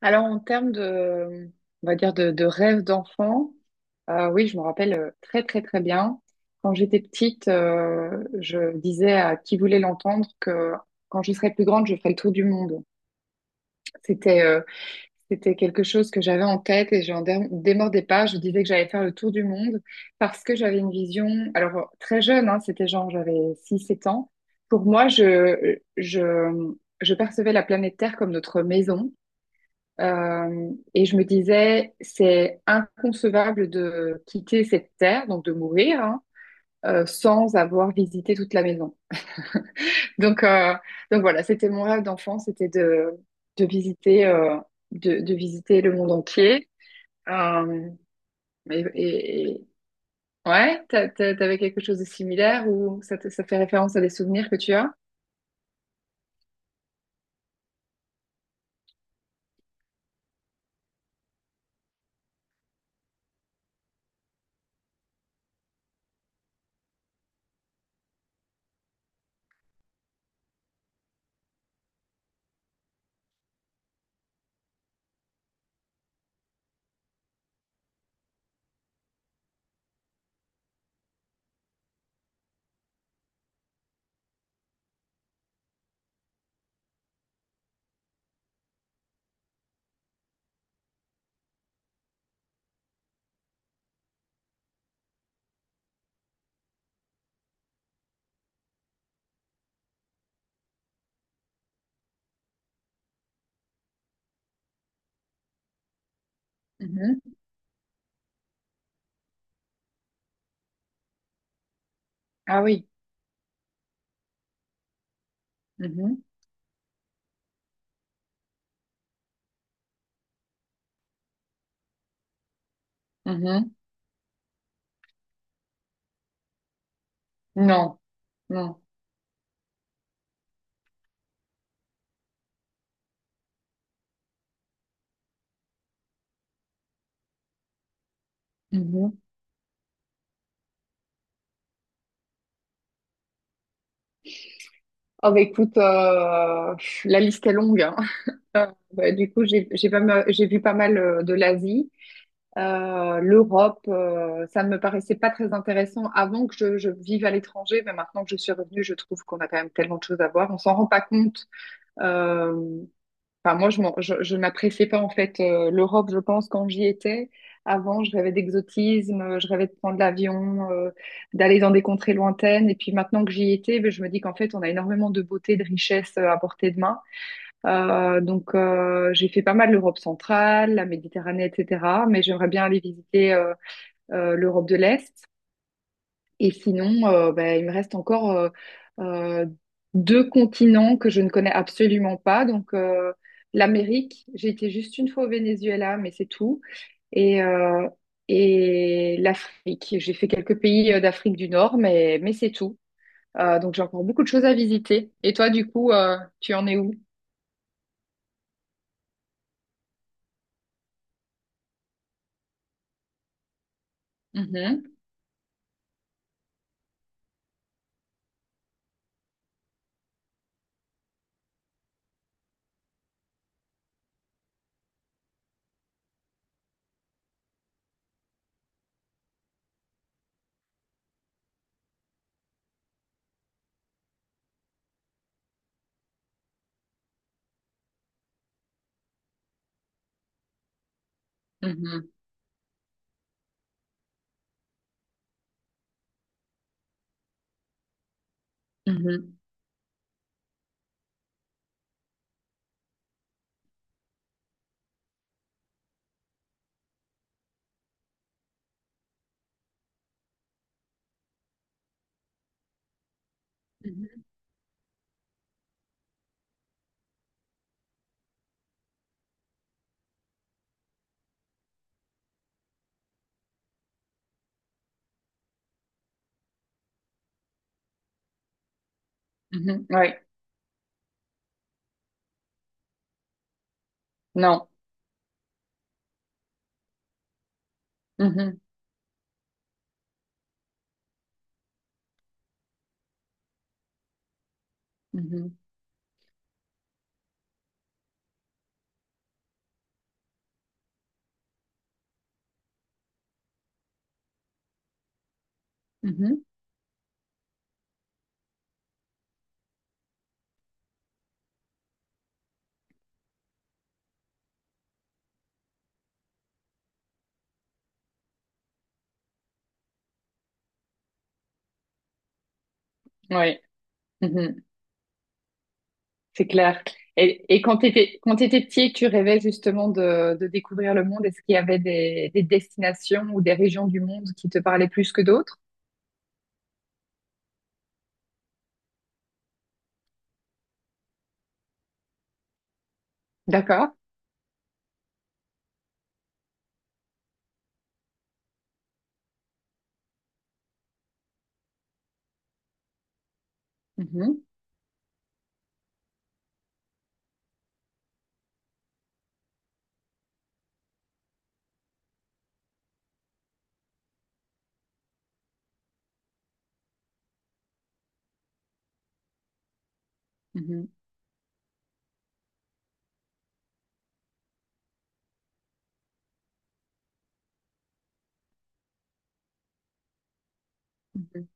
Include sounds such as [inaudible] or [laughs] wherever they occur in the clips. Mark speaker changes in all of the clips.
Speaker 1: Alors, en termes de, on va dire, de rêve d'enfant, oui, je me rappelle très, très, très bien. Quand j'étais petite, je disais à qui voulait l'entendre que quand je serais plus grande, je ferais le tour du monde. C'était euh, c'était quelque chose que j'avais en tête et je n'en démordais pas. Je disais que j'allais faire le tour du monde parce que j'avais une vision, alors très jeune, hein, c'était genre j'avais six sept ans. Pour moi, je percevais la planète Terre comme notre maison. Et je me disais, c'est inconcevable de quitter cette terre, donc de mourir, hein, sans avoir visité toute la maison. Donc, euh, donc voilà, c'était mon rêve d'enfant, c'était de visiter, euh, de visiter le monde entier. Euh, et, et- et- ouais, t'avais quelque chose de similaire ou ça, ça fait référence à des souvenirs que tu as? Mhm. Ah oui. Mhm. Mhm. Non, non. Mhm. Oh bah écoute, la liste est longue, hein. [laughs] Bah, du coup, j'ai vu pas mal de l'Asie. L'Europe. Ça ne me paraissait pas très intéressant avant que je vive à l'étranger, mais maintenant que je suis revenue, je trouve qu'on a quand même tellement de choses à voir. On s'en rend pas compte. euh, Enfin, moi, je n'appréciais pas en fait l'Europe, je pense, quand j'y étais. Avant, je rêvais d'exotisme, je rêvais de prendre l'avion, d'aller dans des contrées lointaines. Et puis maintenant que j'y étais, ben, je me dis qu'en fait, on a énormément de beauté, de richesse à portée de main. Donc, j'ai fait pas mal l'Europe centrale, la Méditerranée, etc. Mais j'aimerais bien aller visiter l'Europe de l'Est. Et sinon, bah, il me reste encore euh, deux continents que je ne connais absolument pas. Donc, l'Amérique, j'ai été juste une fois au Venezuela, mais c'est tout. Et, euh, et l'Afrique, j'ai fait quelques pays d'Afrique du Nord, mais c'est tout. Donc, j'ai encore beaucoup de choses à visiter. Et toi, du coup, tu en es où? Mhm, mhm, mhm, mhm, mhm. Ouais, non. Mhm, mhm, mhm, ouais. Mhm. C'est clair. Et quand tu petit, tu rêvais justement de découvrir le monde. Est-ce qu'il y avait des destinations ou des régions du monde qui te parlaient plus que d'autres? D'accord. Mhm, mhm, mhm.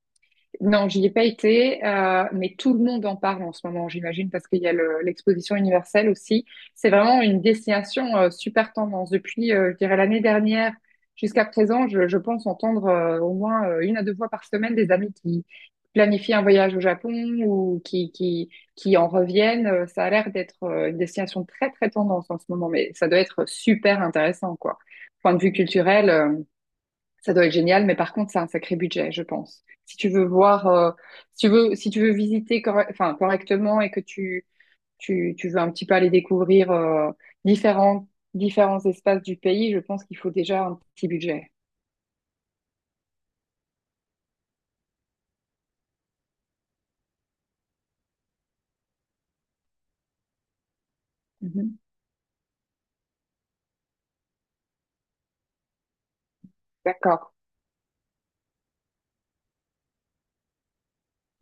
Speaker 1: Non, j'y ai pas été, mais tout le monde en parle en ce moment, j'imagine, parce qu'il y a l'exposition universelle aussi. C'est vraiment une destination super tendance. Depuis, je dirais, l'année dernière jusqu'à présent, je pense entendre au moins 1 à 2 fois par semaine des amis qui planifient un voyage au Japon ou qui en reviennent. Ça a l'air d'être une destination très, très tendance en ce moment, mais ça doit être super intéressant, quoi. Point de vue culturel, ça doit être génial, mais par contre, c'est un sacré budget, je pense. Si tu veux voir, si tu veux, si tu veux visiter enfin, correctement et que tu veux un petit peu aller découvrir différents, différents espaces du pays, je pense qu'il faut déjà un petit budget. Mhm. D'accord.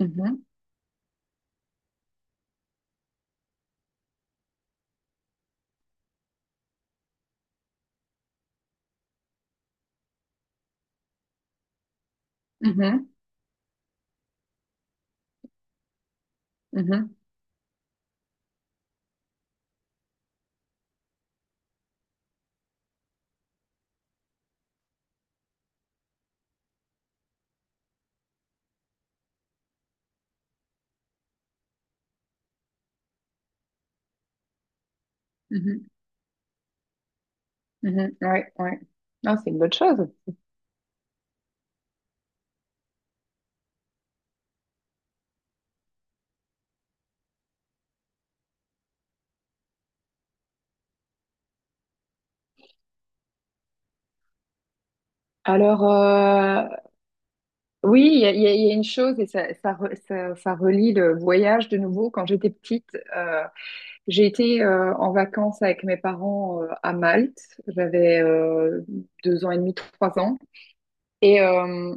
Speaker 1: Mhm. Mhm. Mhm. Mhm. Mhm. Ouais, ouais. Non, c'est une bonne chose. Alors, oui, il y a une chose, et ça relie le voyage de nouveau. Quand j'étais petite, euh, J'ai été en vacances avec mes parents à Malte. J'avais 2 ans et demi, 3 ans. Et euh,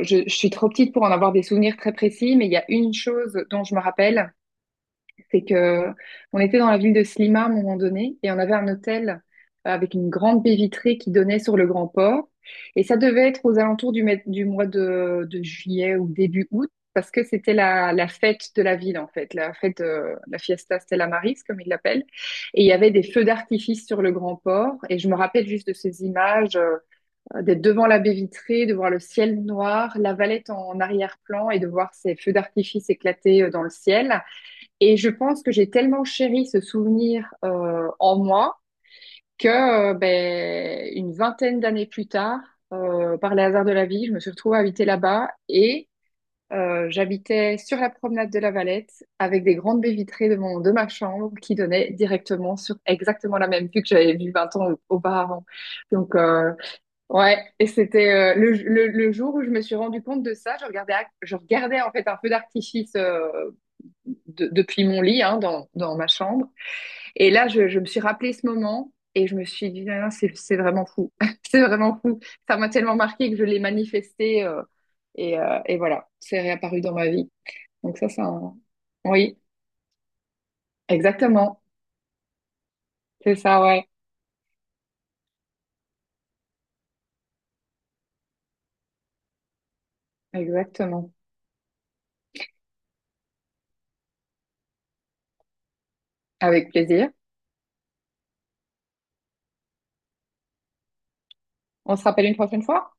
Speaker 1: je, je suis trop petite pour en avoir des souvenirs très précis, mais il y a une chose dont je me rappelle, c'est que on était dans la ville de Slima à un moment donné et on avait un hôtel avec une grande baie vitrée qui donnait sur le grand port. Et ça devait être aux alentours du mois de juillet ou début août parce que c'était la fête de la ville en fait, la fête, la fiesta Stella Maris comme ils l'appellent. Et il y avait des feux d'artifice sur le grand port. Et je me rappelle juste de ces images, d'être devant la baie vitrée, de voir le ciel noir, la Valette en arrière-plan et de voir ces feux d'artifice éclater dans le ciel. Et je pense que j'ai tellement chéri ce souvenir en moi que ben, une vingtaine d'années plus tard, par les hasards de la vie, je me suis retrouvée à habiter là-bas et j'habitais sur la promenade de la Valette avec des grandes baies vitrées de ma chambre qui donnaient directement sur exactement la même vue que j'avais vue 20 ans auparavant. Donc, ouais, et c'était le jour où je me suis rendu compte de ça, je regardais en fait un feu d'artifice depuis mon lit, hein, dans ma chambre. Et là, je me suis rappelé ce moment et je me suis dit, Ah, c'est vraiment fou. [laughs] C'est vraiment fou. Ça m'a tellement marqué que je l'ai manifesté et voilà, c'est réapparu dans ma vie. Donc ça, c'est un. Oui, exactement. C'est ça, ouais. Exactement. Avec plaisir. On se rappelle une prochaine fois.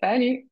Speaker 1: Salut!